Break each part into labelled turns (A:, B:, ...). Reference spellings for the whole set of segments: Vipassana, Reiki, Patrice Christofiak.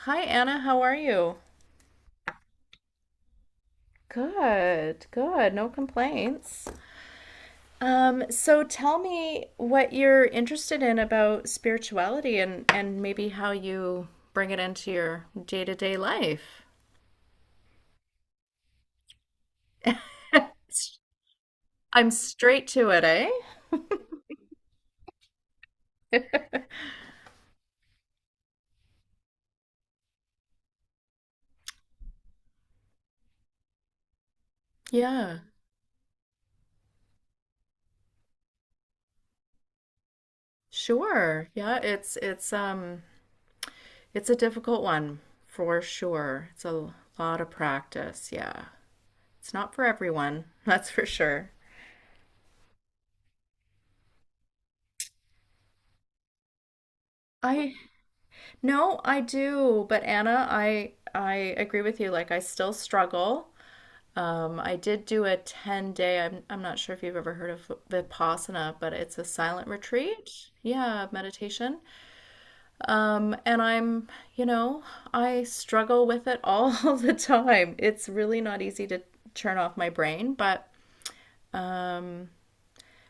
A: Hi, Anna. How are you? Good, good. No complaints. So tell me what you're interested in about spirituality and maybe how you bring it into your day-to-day life. I'm straight to it, eh? Yeah, sure. Yeah, it's it's a difficult one for sure. It's a lot of practice, yeah. It's not for everyone, that's for sure. I No, I do, but Anna, I agree with you. Like I still struggle. I did do a 10 day. I'm not sure if you've ever heard of Vipassana, but it's a silent retreat. Yeah, meditation. And you know, I struggle with it all the time. It's really not easy to turn off my brain, but um,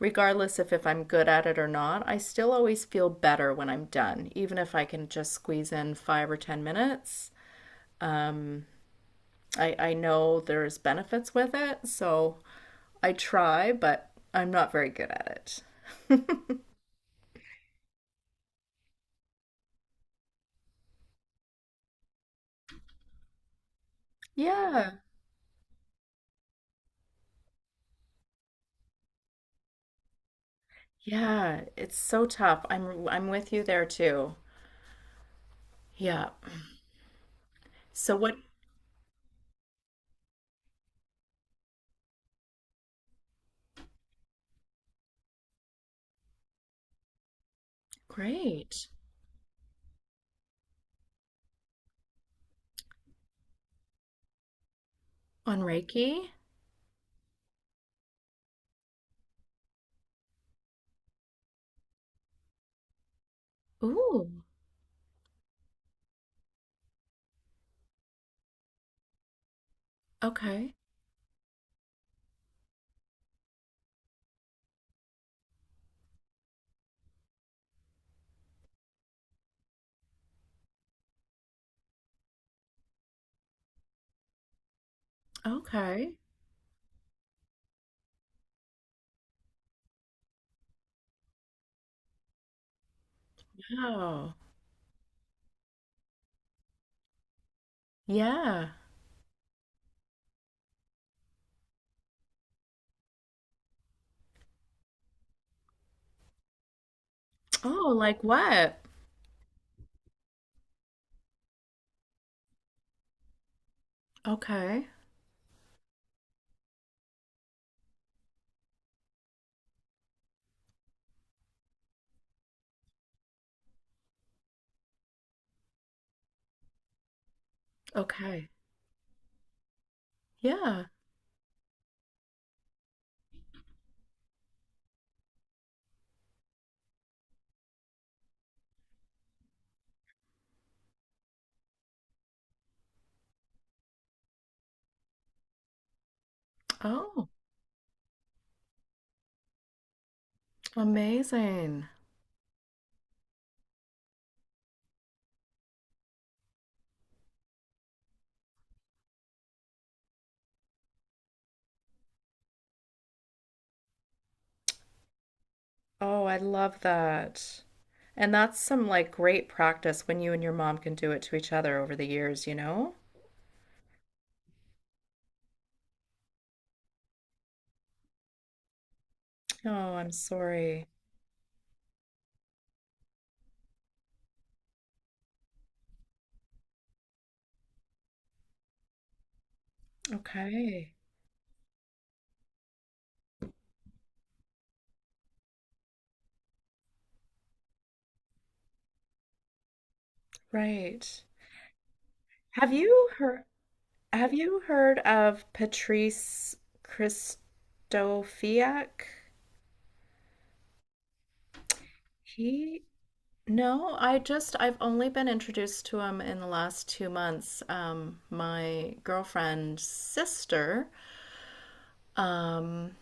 A: regardless if I'm good at it or not, I still always feel better when I'm done, even if I can just squeeze in 5 or 10 minutes. I know there's benefits with it, so I try, but I'm not very good at it. Yeah. Yeah, it's so tough. I'm with you there too. Yeah. So what great. On Reiki? Ooh. Okay. Okay. Oh. Yeah. Oh, like what? Okay. Okay. Yeah. Oh, amazing. Oh, I love that. And that's some like great practice when you and your mom can do it to each other over the years, you know? Oh, I'm sorry. Okay. Right. Have you heard have you heard of Patrice Christofiak? He No, I've only been introduced to him in the last 2 months. My girlfriend's sister Um,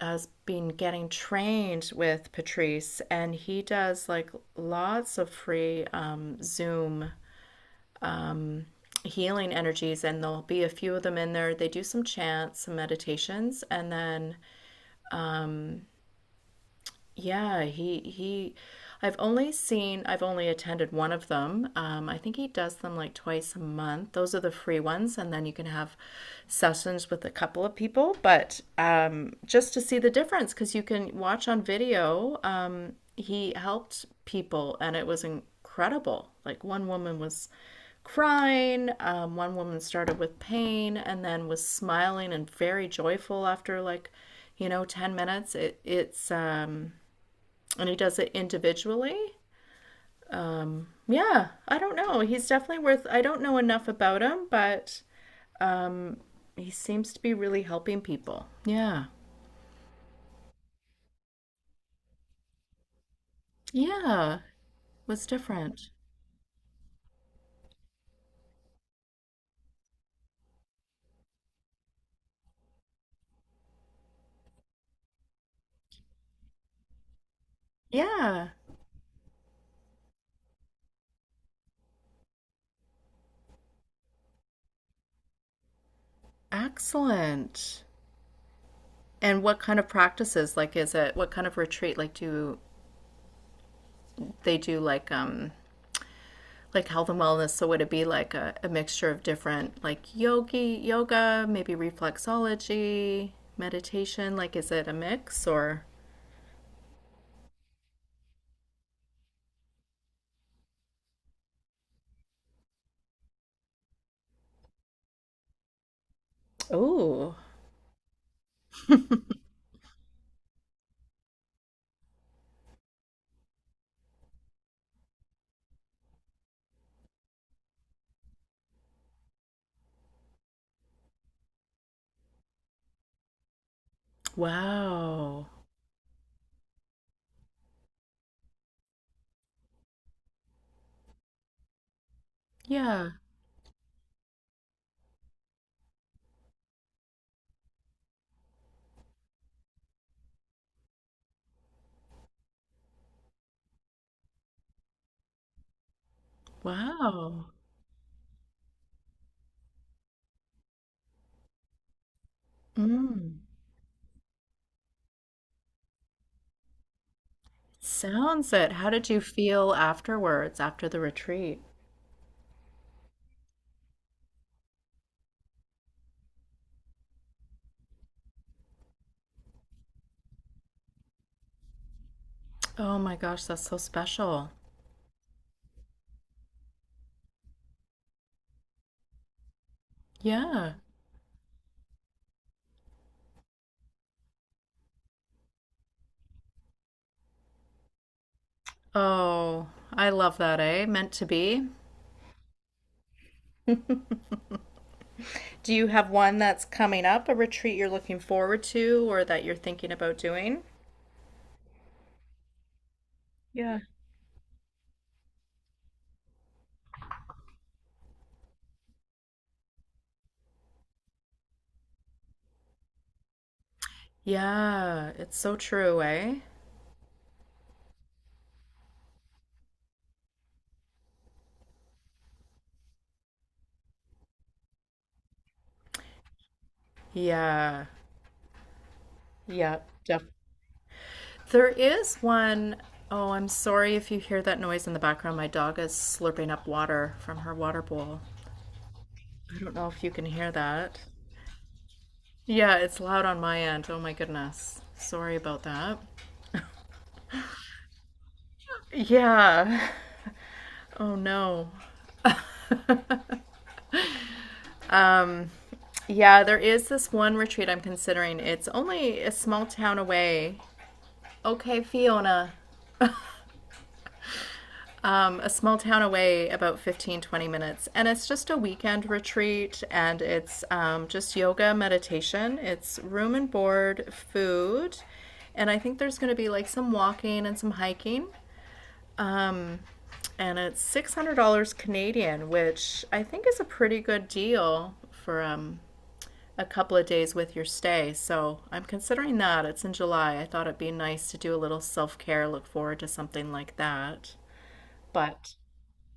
A: has been getting trained with Patrice, and he does like lots of free Zoom um, healing energies, and there'll be a few of them in there. They do some chants, some meditations, and then um, yeah, he I've only attended one of them. I think he does them like twice a month. Those are the free ones, and then you can have sessions with a couple of people, but just to see the difference because you can watch on video. He helped people, and it was incredible. Like one woman was crying, one woman started with pain, and then was smiling and very joyful after 10 minutes. It it's And he does it individually. Yeah, I don't know. He's definitely worth. I don't know enough about him, but he seems to be really helping people. Yeah, yeah, was different. Yeah, excellent. And what kind of practices? Like, is it what kind of retreat? Like, do they do like health and wellness? So would it be like a mixture of different like yogi yoga, maybe reflexology, meditation? Like, is it a mix or? Oh, wow. Yeah. Wow. Mm. Sounds it. How did you feel afterwards, after the retreat? Oh my gosh, that's so special. Yeah. Oh, I love that, eh? Meant to be. Do you have one that's coming up, a retreat you're looking forward to or that you're thinking about doing? Yeah. Yeah, it's so true, eh? Yeah. Yep. Definitely. There is one oh, I'm sorry if you hear that noise in the background. My dog is slurping up water from her water bowl. I don't know if you can hear that. Yeah, it's loud on my end. Oh my goodness. Sorry about that. Yeah. Oh no. Yeah, there is this one retreat I'm considering. It's only a small town away. Okay, Fiona. A small town away, about 15, 20 minutes. And it's just a weekend retreat and it's just yoga, meditation. It's room and board, food. And I think there's going to be like some walking and some hiking. Um, and it's $600 Canadian, which I think is a pretty good deal for a couple of days with your stay. So I'm considering that. It's in July. I thought it'd be nice to do a little self care, look forward to something like that. But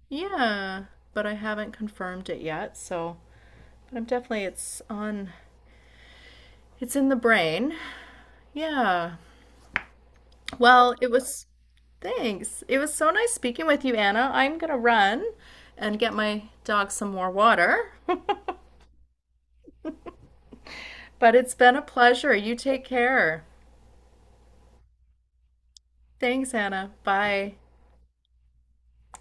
A: Yeah, but I haven't confirmed it yet, so but I'm definitely it's in the brain. Yeah. Well, it was Thanks. It was so nice speaking with you, Anna. I'm gonna run and get my dog some more water. But it's been a pleasure. You take care. Thanks, Anna. Bye.